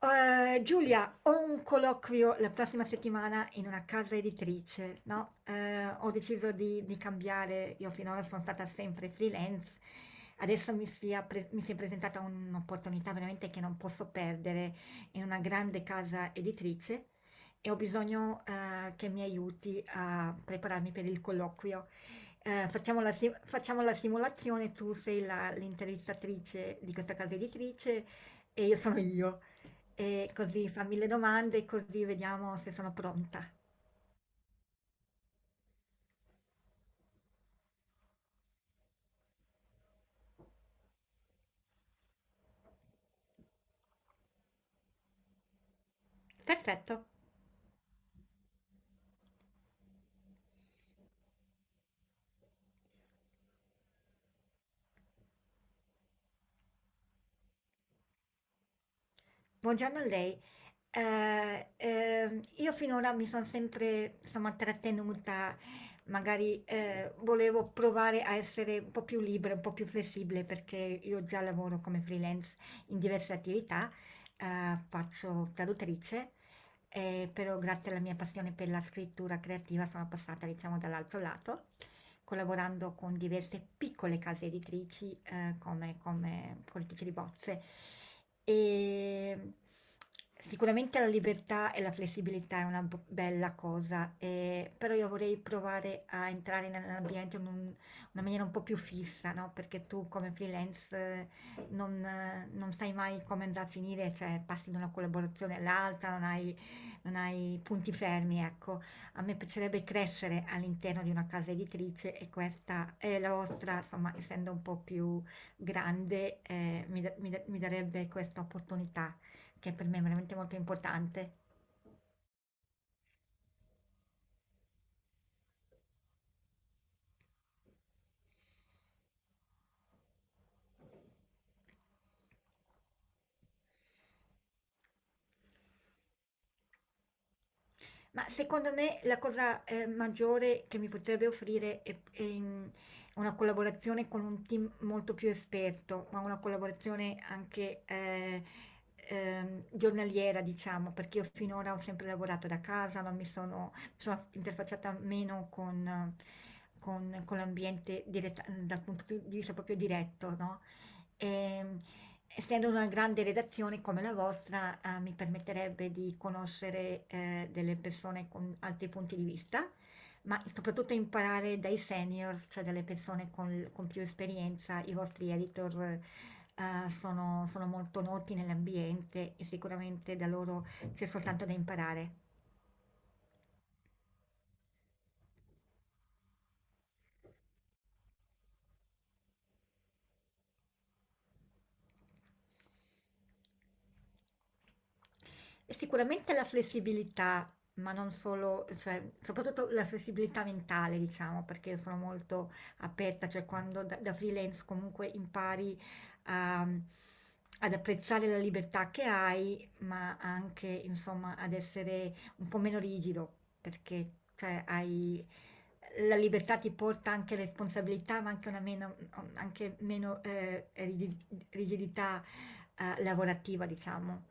Giulia, ho un colloquio la prossima settimana in una casa editrice, no? Ho deciso di cambiare, io finora sono stata sempre freelance, adesso mi si è presentata un'opportunità veramente che non posso perdere in una grande casa editrice e ho bisogno che mi aiuti a prepararmi per il colloquio. Facciamo facciamo la simulazione, tu sei l'intervistatrice di questa casa editrice e io sono io. E così fa mille domande, così vediamo se sono pronta. Perfetto. Buongiorno a lei. Io finora mi sono sempre, insomma, trattenuta, magari volevo provare a essere un po' più libera, un po' più flessibile, perché io già lavoro come freelance in diverse attività, faccio traduttrice, però grazie alla mia passione per la scrittura creativa sono passata, diciamo, dall'altro lato, collaborando con diverse piccole case editrici come, come correttrice di bozze. E sicuramente la libertà e la flessibilità è una bella cosa, però io vorrei provare a entrare nell'ambiente in una maniera un po' più fissa, no? Perché tu come freelance non sai mai come andrà a finire, cioè passi da una collaborazione all'altra, non hai punti fermi, ecco. A me piacerebbe crescere all'interno di una casa editrice e questa è la vostra, insomma, essendo un po' più grande, mi darebbe questa opportunità che per me è veramente molto importante. Ma secondo me la cosa, maggiore che mi potrebbe offrire è p una collaborazione con un team molto più esperto, ma una collaborazione anche, giornaliera diciamo, perché io finora ho sempre lavorato da casa, non mi sono mi sono interfacciata meno con con l'ambiente diretta dal punto di vista proprio diretto, no, ehm essendo una grande redazione come la vostra, mi permetterebbe di conoscere, delle persone con altri punti di vista, ma soprattutto imparare dai seniors, cioè dalle persone con più esperienza. I vostri editor, sono molto noti nell'ambiente e sicuramente da loro c'è soltanto da imparare. Sicuramente la flessibilità, ma non solo, cioè soprattutto la flessibilità mentale, diciamo, perché sono molto aperta, cioè quando da freelance comunque impari a- ad apprezzare la libertà che hai, ma anche, insomma, ad essere un po' meno rigido, perché cioè, hai, la libertà ti porta anche responsabilità, ma anche una meno, anche meno rigidità lavorativa, diciamo.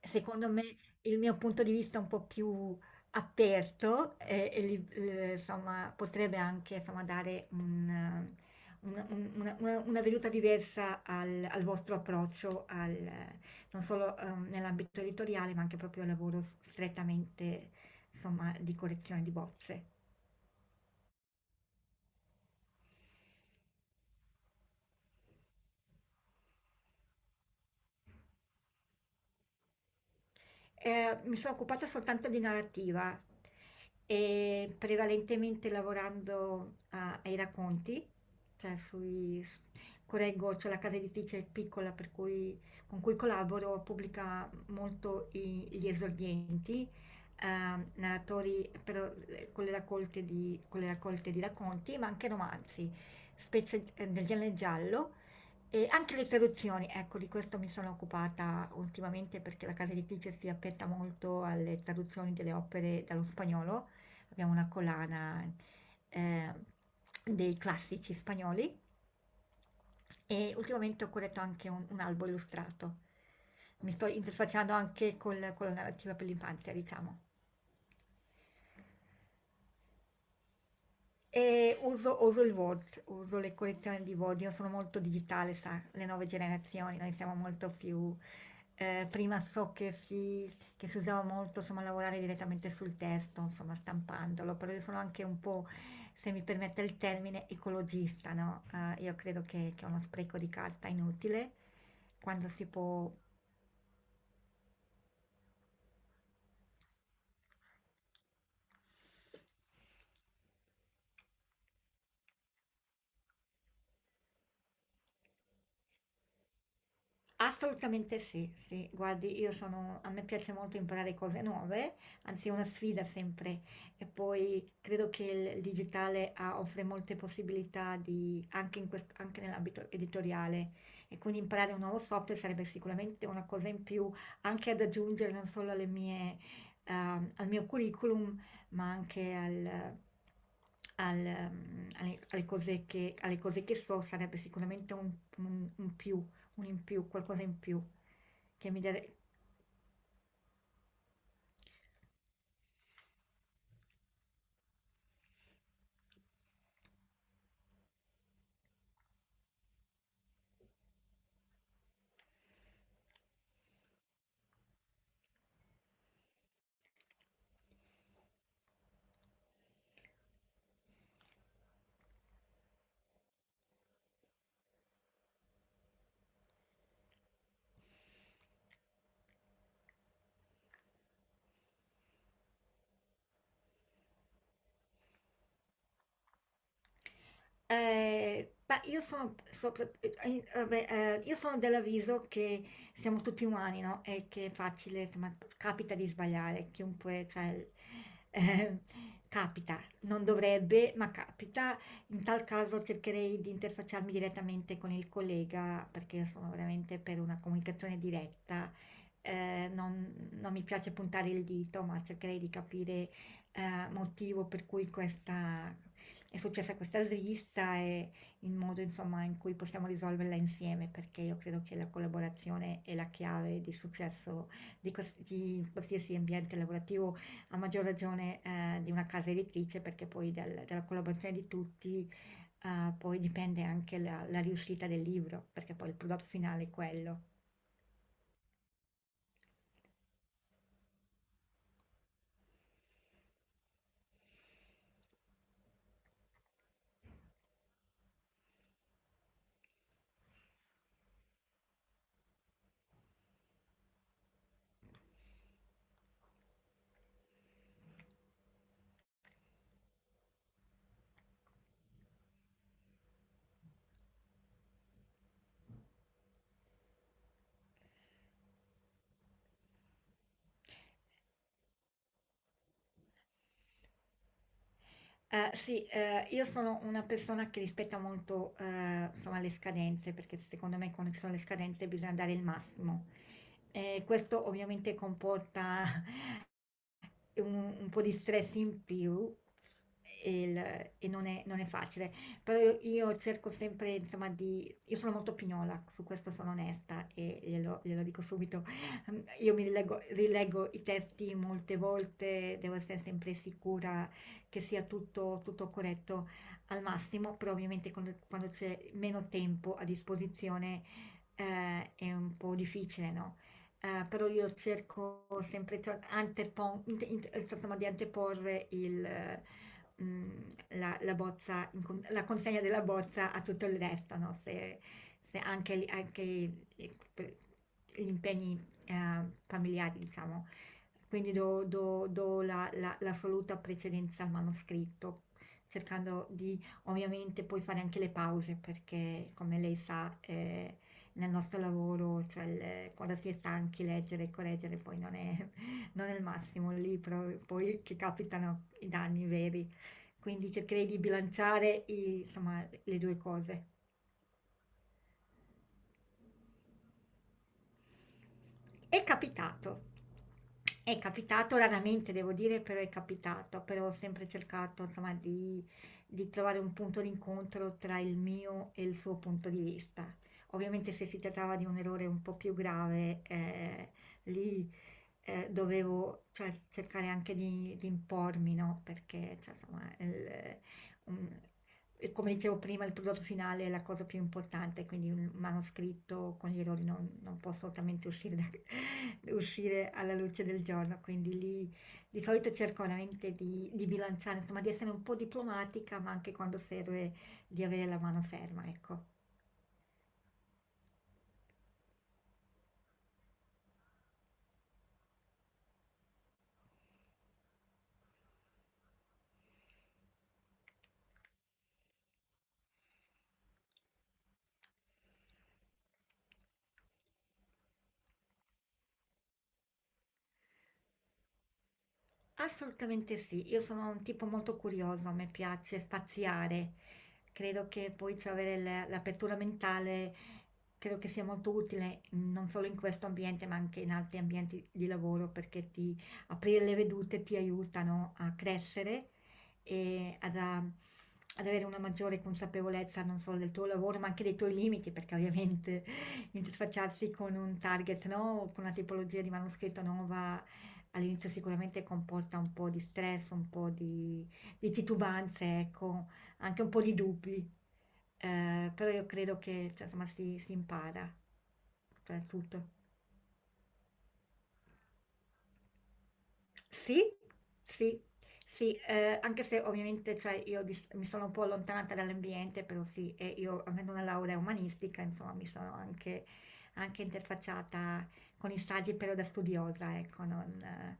Secondo me, il mio punto di vista un po' più aperto insomma, potrebbe anche insomma, dare una veduta diversa al vostro approccio, non solo nell'ambito editoriale, ma anche proprio al lavoro strettamente insomma, di correzione di bozze. Mi sono occupata soltanto di narrativa, e prevalentemente lavorando ai racconti, cioè sui, s- c'è la casa editrice piccola con cui collaboro, pubblica molto gli esordienti, narratori però, con le raccolte di racconti, ma anche romanzi, specie del genere giallo. E anche le traduzioni, ecco, di questo mi sono occupata ultimamente perché la casa editrice si appetta molto alle traduzioni delle opere dallo spagnolo. Abbiamo una collana eh, dei classici spagnoli e ultimamente ho corretto anche un albo illustrato. Mi sto interfacciando anche con la narrativa per l'infanzia, diciamo. E uso il Word, uso le collezioni di Word, io sono molto digitale, sa, le nuove generazioni, noi siamo molto più... prima che si usava molto, insomma, lavorare direttamente sul testo, insomma, stampandolo, però io sono anche un po', se mi permette il termine, ecologista, no? Io credo che è uno spreco di carta inutile, quando si può. Assolutamente sì. Guardi, io sono a me piace molto imparare cose nuove, anzi è una sfida sempre. E poi credo che il digitale offre molte possibilità di, anche, in anche nell'ambito editoriale. E quindi imparare un nuovo software sarebbe sicuramente una cosa in più, anche ad aggiungere non solo alle mie, al mio curriculum, ma anche alle cose che so, sarebbe sicuramente un- un più un in più, qualcosa in più che mi dia Io sono dell'avviso che siamo tutti umani, no? E che è facile, insomma, capita di sbagliare, chiunque, cioè, eh, capita, non dovrebbe, ma capita. In tal caso cercherei di interfacciarmi direttamente con il collega, perché io sono veramente per una comunicazione diretta. Eh, non, Non mi piace puntare il dito, ma cercherei di capire motivo per è successa questa svista e il modo, insomma, in cui possiamo risolverla insieme, perché io credo che la collaborazione è la chiave di successo di qualsiasi ambiente lavorativo, a maggior ragione di una casa editrice, perché poi dalla collaborazione di tutti poi dipende anche la riuscita del libro, perché poi il prodotto finale è quello. Sì, io sono una persona che rispetta molto, insomma, le scadenze, perché secondo me quando ci sono le scadenze bisogna dare il massimo. Questo ovviamente comporta un po' di stress in più e non è facile, però io cerco sempre, insomma, di... Io sono molto pignola, su questo sono onesta e glielo dico subito. Io mi rileggo, rileggo i testi molte volte, devo essere sempre sicura che sia tutto corretto al massimo, però ovviamente quando c'è meno tempo a disposizione è un po' difficile, no? Però io cerco sempre insomma, di anteporre mm, la consegna della bozza a tutto il resto, no? Se, se anche, anche gli impegni familiari, diciamo. Quindi do l'assoluta precedenza al manoscritto, cercando di ovviamente poi fare anche le pause, perché come lei sa... nel nostro lavoro, quando si è stanchi leggere e correggere poi non è, non è il massimo lì, però poi che capitano i danni veri. Quindi cercherei di bilanciare insomma, le due cose. È capitato. È capitato raramente devo dire, però è capitato, però ho sempre cercato insomma di trovare un punto d'incontro tra il mio e il suo punto di vista. Ovviamente se si trattava di un errore un po' più grave, lì dovevo cioè, cercare anche di impormi, no? Perché cioè, insomma, il- un- E come dicevo prima, il prodotto finale è la cosa più importante, quindi un manoscritto con gli errori non può assolutamente uscire, uscire alla luce del giorno, quindi lì di solito cerco veramente di bilanciare, insomma, di essere un po' diplomatica, ma anche quando serve di avere la mano ferma, ecco. Assolutamente sì, io sono un tipo molto curioso, a me piace spaziare. Credo che poi cioè, avere l'apertura mentale credo che sia molto utile non solo in questo ambiente, ma anche in altri ambienti di lavoro, perché ti aprire le vedute ti aiutano a crescere e ad avere una maggiore consapevolezza non solo del tuo lavoro, ma anche dei tuoi limiti, perché ovviamente interfacciarsi con un target, no? Con una tipologia di manoscritto nuova. All'inizio sicuramente comporta un po' di stress, un po' di titubanze, ecco, anche un po' di dubbi, però io credo che, cioè, insomma si impara, cioè tutto. Sì, sì, sì, anche se ovviamente, cioè io di s mi sono un po' allontanata dall'ambiente, però sì, e io avendo una laurea umanistica, insomma, mi sono anche interfacciata con i saggi, però da studiosa, ecco, non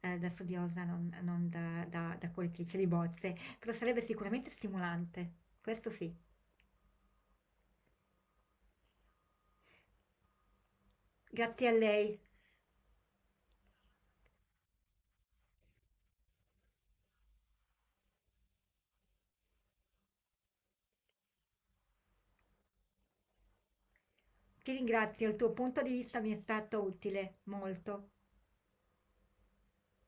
da studiosa, non da coltrice di bozze, però sarebbe sicuramente stimolante, questo sì. Grazie a lei. Ti ringrazio, il tuo punto di vista mi è stato utile, molto.